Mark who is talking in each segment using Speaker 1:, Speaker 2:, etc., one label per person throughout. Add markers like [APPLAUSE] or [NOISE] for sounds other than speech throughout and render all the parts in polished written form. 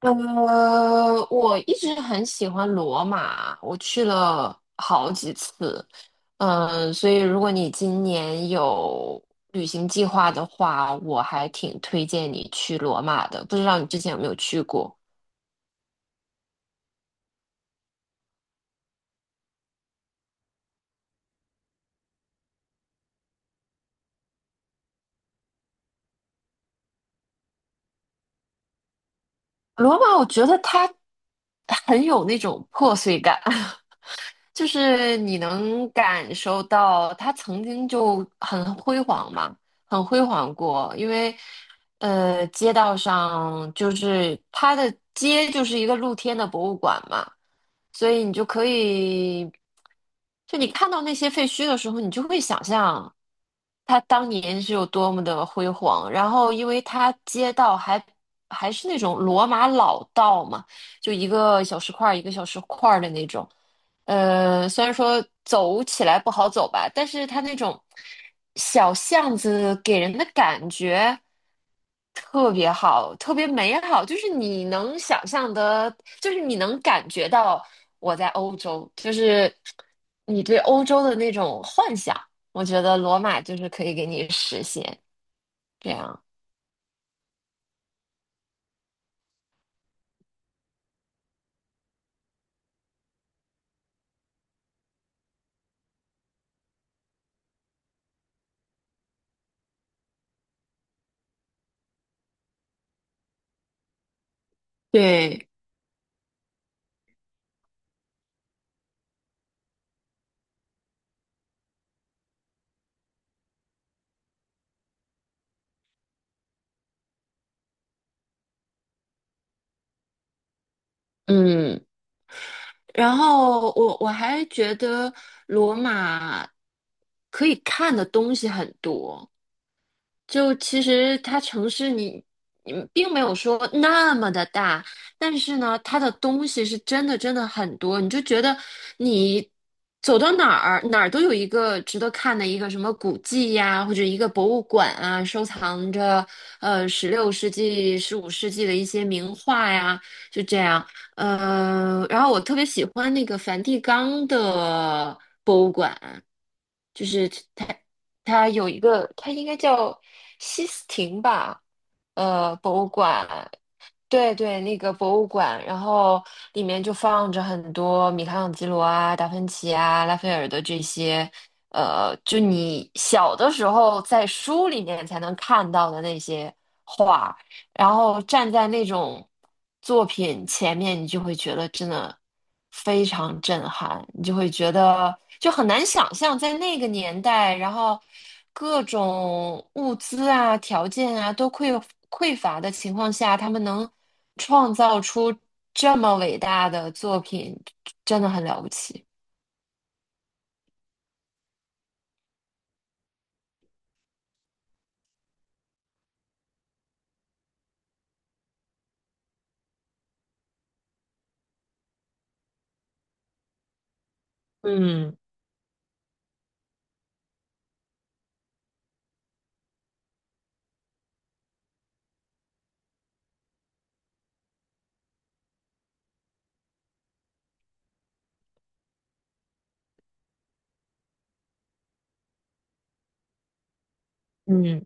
Speaker 1: 我一直很喜欢罗马，我去了好几次。嗯，所以如果你今年有旅行计划的话，我还挺推荐你去罗马的。不知道你之前有没有去过罗马？我觉得它很有那种破碎感。[LAUGHS] 就是你能感受到它曾经就很辉煌嘛，很辉煌过，因为街道上就是它的街就是一个露天的博物馆嘛，所以你就可以，就你看到那些废墟的时候，你就会想象它当年是有多么的辉煌。然后，因为它街道还是那种罗马老道嘛，就一个小石块儿一个小石块儿的那种。虽然说走起来不好走吧，但是它那种小巷子给人的感觉特别好，特别美好，就是你能想象的，就是你能感觉到我在欧洲，就是你对欧洲的那种幻想，我觉得罗马就是可以给你实现这样。对，嗯然后我还觉得罗马可以看的东西很多，就其实它城市你并没有说那么的大，但是呢，它的东西是真的真的很多，你就觉得你走到哪儿哪儿都有一个值得看的一个什么古迹呀，或者一个博物馆啊，收藏着16世纪、15世纪的一些名画呀，就这样。然后我特别喜欢那个梵蒂冈的博物馆。就是它它有一个，它应该叫西斯廷吧，博物馆，对对，那个博物馆，然后里面就放着很多米开朗基罗啊、达芬奇啊、拉斐尔的这些，就你小的时候在书里面才能看到的那些画。然后站在那种作品前面，你就会觉得真的非常震撼，你就会觉得就很难想象在那个年代，然后各种物资啊、条件啊都匮乏的情况下，他们能创造出这么伟大的作品，真的很了不起。嗯嗯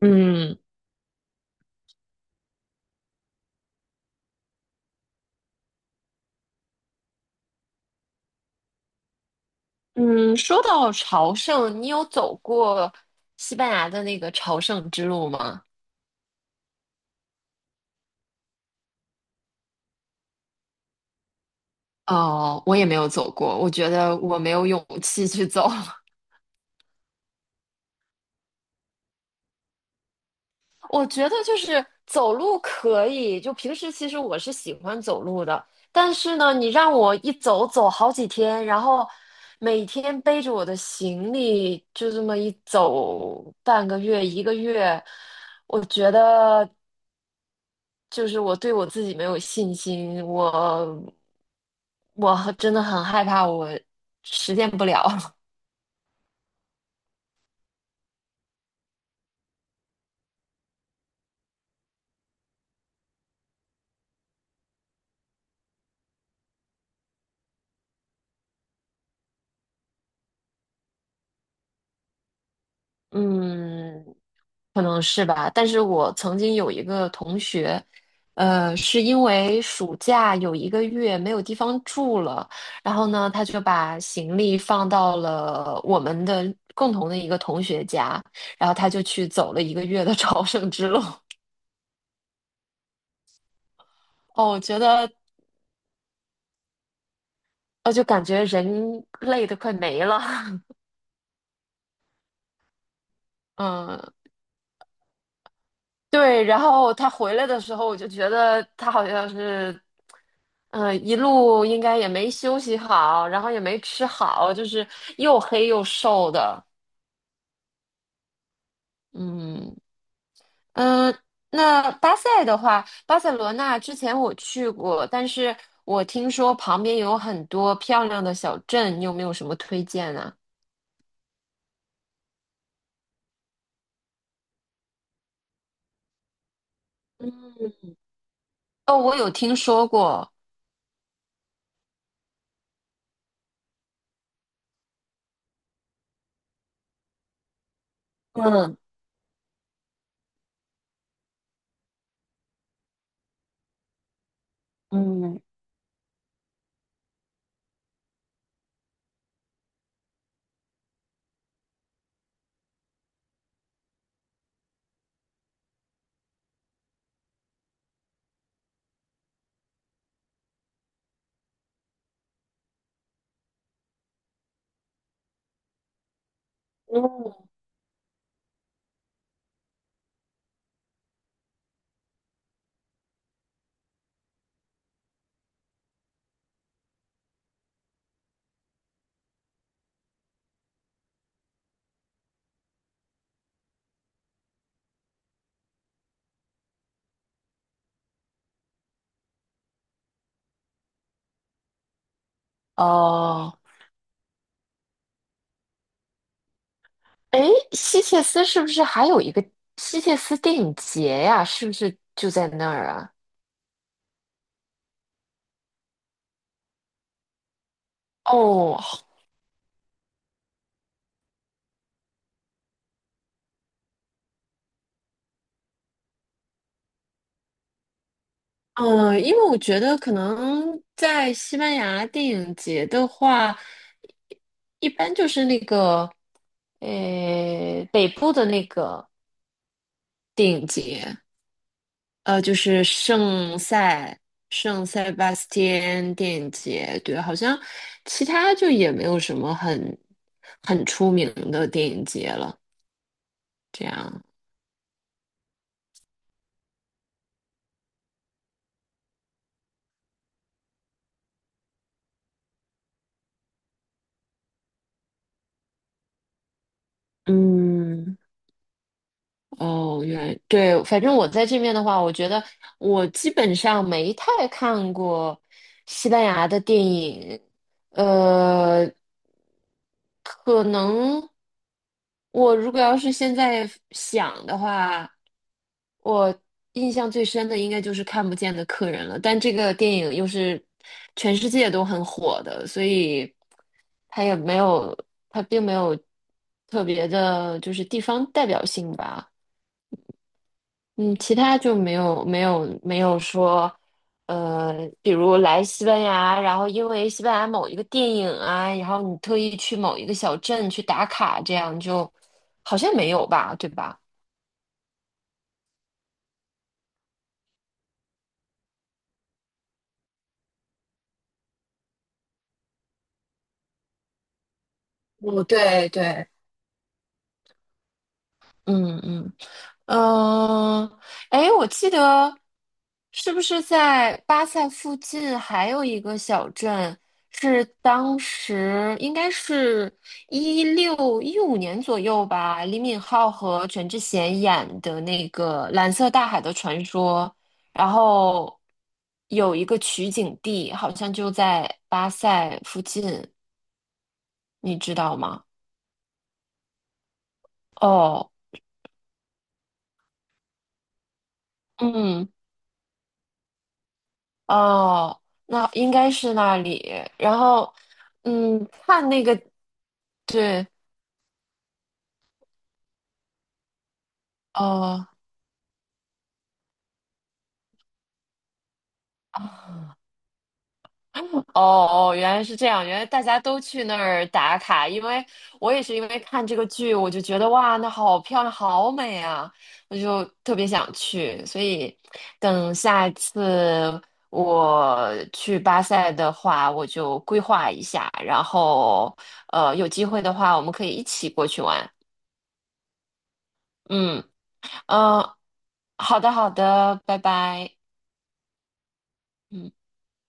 Speaker 1: 嗯，嗯，说到朝圣，你有走过西班牙的那个朝圣之路吗？哦，我也没有走过，我觉得我没有勇气去走。[LAUGHS] 我觉得就是走路可以，就平时其实我是喜欢走路的，但是呢，你让我一走走好几天，然后每天背着我的行李就这么一走半个月一个月，我觉得就是我对我自己没有信心，我真的很害怕我实现不了。[LAUGHS] 嗯，可能是吧，但是我曾经有一个同学，是因为暑假有一个月没有地方住了，然后呢，他就把行李放到了我们的共同的一个同学家，然后他就去走了一个月的 [LAUGHS] 朝圣之路。[LAUGHS] 哦，我觉得，我就感觉人累得快没了。[LAUGHS] 嗯，对，然后他回来的时候，我就觉得他好像是。一路应该也没休息好，然后也没吃好，就是又黑又瘦的。嗯嗯，那巴塞的话，巴塞罗那之前我去过，但是我听说旁边有很多漂亮的小镇，你有没有什么推荐呢？嗯哦，我有听说过。嗯嗯，嗯，哦，哎，希切斯是不是还有一个希切斯电影节呀？是不是就在那儿啊？哦，嗯，因为我觉得可能在西班牙电影节的话，一般就是那个，北部的那个电影节，就是圣塞巴斯蒂安电影节，对，好像其他就也没有什么很出名的电影节了，这样，嗯。哦，原来对，反正我在这边的话，我觉得我基本上没太看过西班牙的电影，呃，可能我如果要是现在想的话，我印象最深的应该就是《看不见的客人》了，但这个电影又是全世界都很火的，所以它也没有，它并没有特别的，就是地方代表性吧。嗯，其他就没有没有没有说，呃，比如来西班牙，然后因为西班牙某一个电影啊，然后你特意去某一个小镇去打卡，这样就好像没有吧，对吧？哦，对对，嗯嗯，呃，哎，我记得是不是在巴塞附近还有一个小镇，是当时应该是1615年左右吧，李敏镐和全智贤演的那个《蓝色大海的传说》，然后有一个取景地，好像就在巴塞附近，你知道吗？哦，嗯。哦，那应该是那里。然后，嗯，看那个，对，哦，哦哦，原来是这样，原来大家都去那儿打卡，因为我也是因为看这个剧，我就觉得哇，那好漂亮，好美啊，我就特别想去，所以等下一次我去巴塞的话，我就规划一下，然后有机会的话，我们可以一起过去玩，嗯。嗯，好的，好的，拜拜。嗯。